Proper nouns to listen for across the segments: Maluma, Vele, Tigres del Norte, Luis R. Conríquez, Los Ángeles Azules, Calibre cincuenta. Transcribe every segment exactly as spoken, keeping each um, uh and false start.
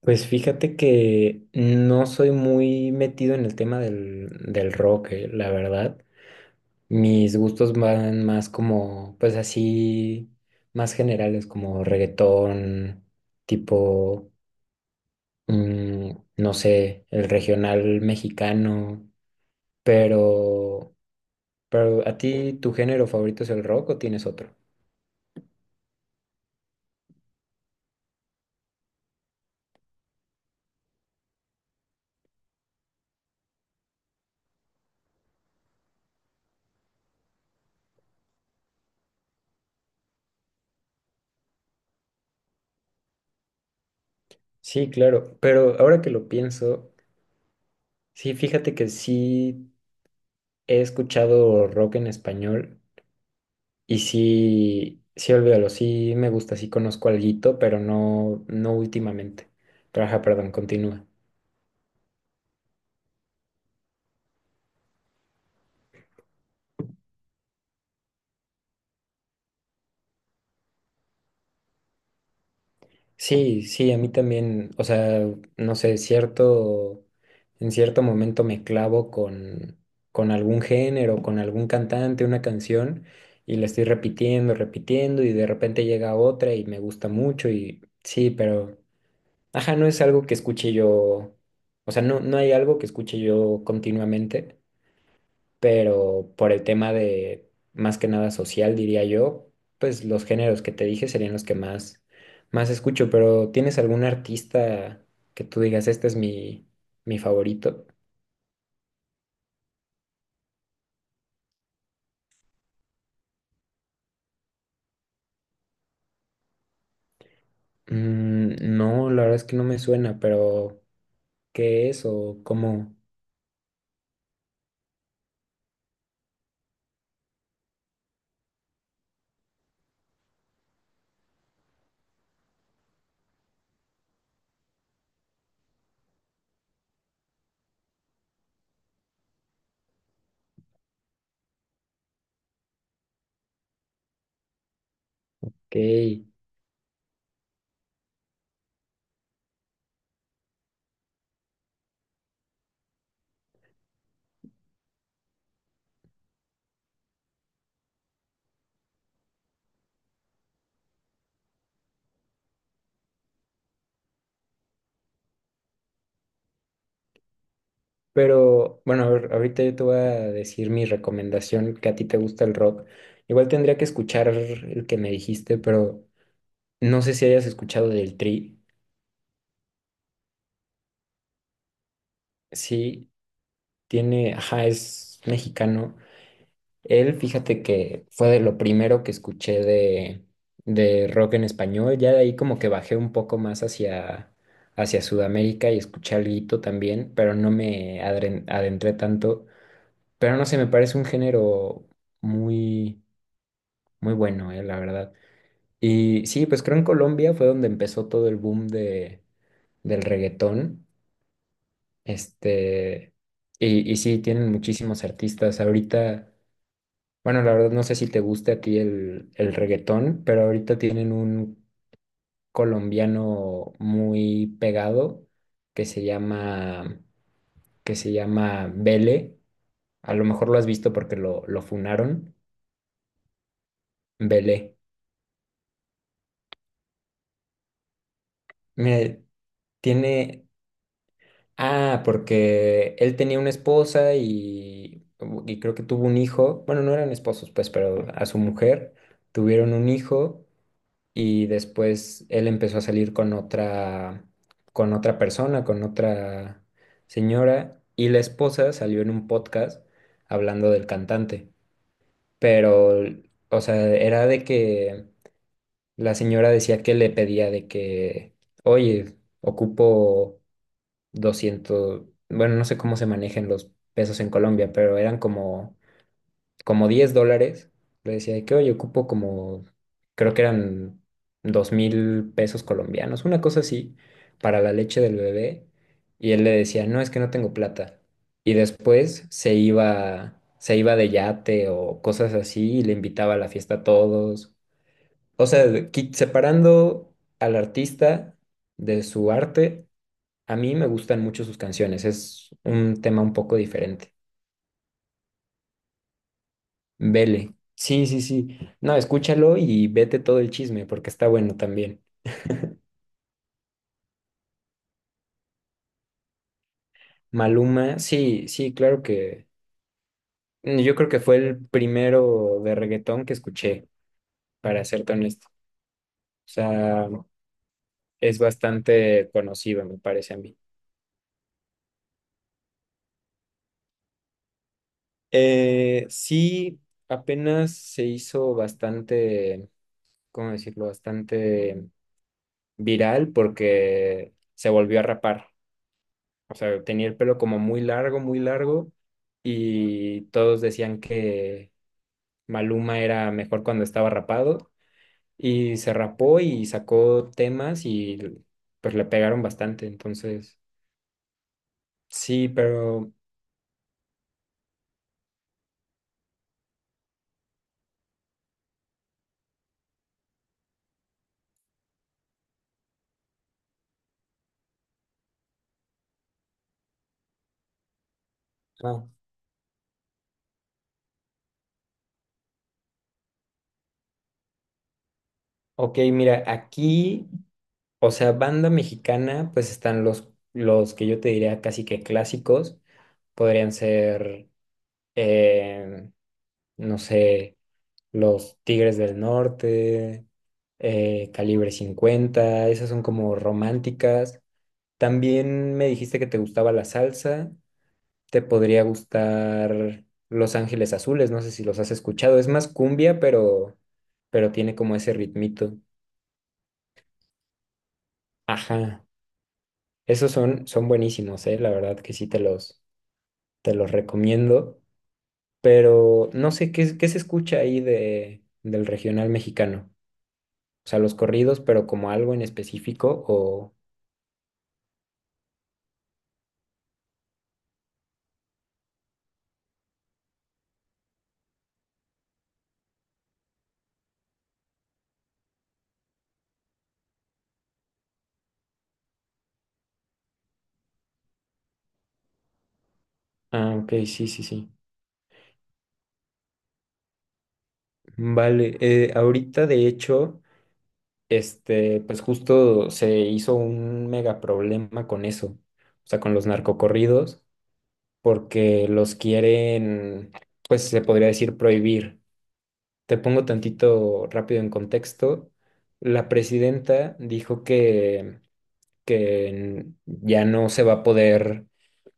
Pues fíjate que no soy muy metido en el tema del, del rock, eh, la verdad. Mis gustos van más como, pues así, más generales, como reggaetón, tipo, mm, no sé, el regional mexicano. Pero, pero ¿a ti tu género favorito es el rock o tienes otro? Sí, claro, pero ahora que lo pienso, sí, fíjate que sí he escuchado rock en español. Y sí, sí, olvídalo, sí me gusta, sí conozco alguito, pero no, no últimamente. Pero ajá, perdón, continúa. Sí, sí, a mí también, o sea, no sé, cierto, en cierto momento me clavo con, con algún género, con algún cantante, una canción, y la estoy repitiendo, repitiendo, y de repente llega otra y me gusta mucho, y sí, pero, ajá, no es algo que escuche yo, o sea, no, no hay algo que escuche yo continuamente pero por el tema de más que nada social, diría yo, pues los géneros que te dije serían los que más, más escucho, pero ¿tienes algún artista que tú digas, este es mi, mi favorito? Mm, no, la verdad es que no me suena, pero ¿qué es o cómo? ¿Qué? Pero bueno, a ver, ahorita yo te voy a decir mi recomendación, que a ti te gusta el rock. Igual tendría que escuchar el que me dijiste, pero no sé si hayas escuchado del Tri. Sí, tiene, ajá, es mexicano. Él, fíjate que fue de lo primero que escuché de, de rock en español. Ya de ahí como que bajé un poco más hacia, hacia Sudamérica y escuché alguito también, pero no me adren- adentré tanto. Pero no sé, me parece un género muy, muy bueno, eh, la verdad. Y sí, pues creo en Colombia fue donde empezó todo el boom de, del reggaetón. Este, y, y sí, tienen muchísimos artistas. Ahorita. Bueno, la verdad no sé si te guste a ti el, el reggaetón, pero ahorita tienen un colombiano muy pegado que se llama, que se llama Vele. A lo mejor lo has visto porque lo, lo funaron. Vele. Mira, tiene. Ah, porque él tenía una esposa y, y creo que tuvo un hijo. Bueno, no eran esposos, pues, pero a su mujer tuvieron un hijo y después él empezó a salir con otra, con otra persona, con otra señora, y la esposa salió en un podcast hablando del cantante, pero, o sea, era de que la señora decía que le pedía de que, oye, ocupo doscientos bueno, no sé cómo se manejan los pesos en Colombia, pero eran como como diez dólares. Le decía de que, oye, ocupo como, creo que eran dos mil pesos colombianos, una cosa así, para la leche del bebé. Y él le decía, no, es que no tengo plata. Y después se iba, se iba de yate o cosas así y le invitaba a la fiesta a todos. O sea, de- qui- separando al artista de su arte, a mí me gustan mucho sus canciones. Es un tema un poco diferente. Vele. Sí, sí, sí. No, escúchalo y vete todo el chisme porque está bueno también. Maluma, sí, sí, claro que mm, yo creo que fue el primero de reggaetón que escuché, para serte honesto. O sea, es bastante conocido, me parece a mí. Eh, sí, apenas se hizo bastante, ¿cómo decirlo? Bastante viral porque se volvió a rapar. O sea, tenía el pelo como muy largo, muy largo, y todos decían que Maluma era mejor cuando estaba rapado, y se rapó y sacó temas y pues le pegaron bastante, entonces, sí, pero, ah, ok, mira, aquí, o sea, banda mexicana, pues están los, los que yo te diría casi que clásicos, podrían ser, eh, no sé. Los Tigres del Norte, eh, Calibre cincuenta. Esas son como románticas. También me dijiste que te gustaba la salsa, te podría gustar Los Ángeles Azules, no sé si los has escuchado, es más cumbia, pero, pero tiene como ese ritmito. Ajá, esos son, son buenísimos, eh, la verdad que sí te los, te los recomiendo, pero no sé qué, qué se escucha ahí de, del regional mexicano. O sea, los corridos, pero como algo en específico o. Ah, ok, sí, sí, sí. Vale, eh, ahorita de hecho, este, pues justo se hizo un mega problema con eso, o sea, con los narcocorridos, porque los quieren, pues se podría decir prohibir. Te pongo tantito rápido en contexto. La presidenta dijo que que ya no se va a poder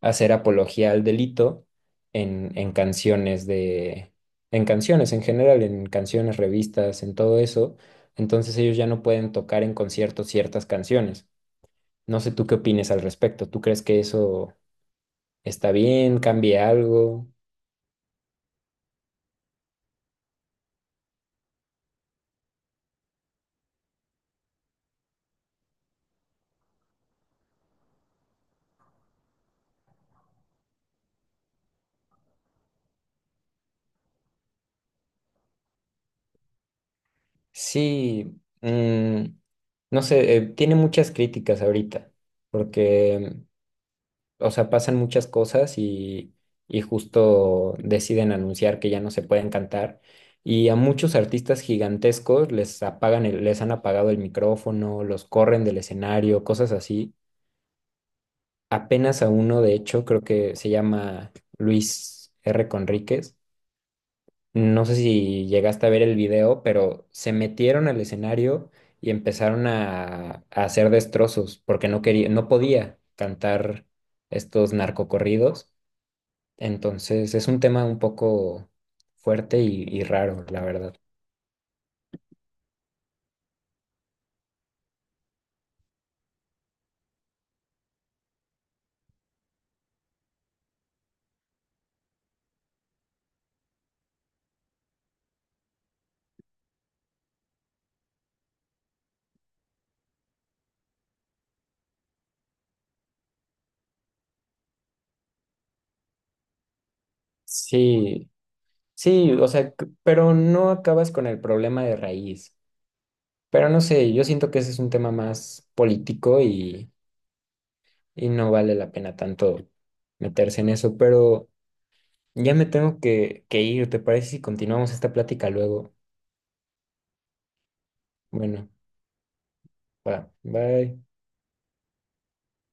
hacer apología al delito en, en canciones de, en canciones en general, en canciones, revistas, en todo eso. Entonces ellos ya no pueden tocar en conciertos ciertas canciones. No sé tú qué opines al respecto. ¿Tú crees que eso está bien? ¿Cambia algo? Sí, mm, no sé, eh, tiene muchas críticas ahorita, porque o sea, pasan muchas cosas y, y justo deciden anunciar que ya no se pueden cantar. Y a muchos artistas gigantescos les apagan el- les han apagado el micrófono, los corren del escenario, cosas así. Apenas a uno, de hecho, creo que se llama Luis erre. Conríquez. No sé si llegaste a ver el video, pero se metieron al escenario y empezaron a, a hacer destrozos porque no quería, no podía cantar estos narcocorridos. Entonces es un tema un poco fuerte y, y raro, la verdad. Sí, sí, o sea, c- pero no acabas con el problema de raíz. Pero no sé, yo siento que ese es un tema más político y, y no vale la pena tanto meterse en eso. Pero ya me tengo que, que ir, ¿te parece si continuamos esta plática luego? Bueno, va, bye.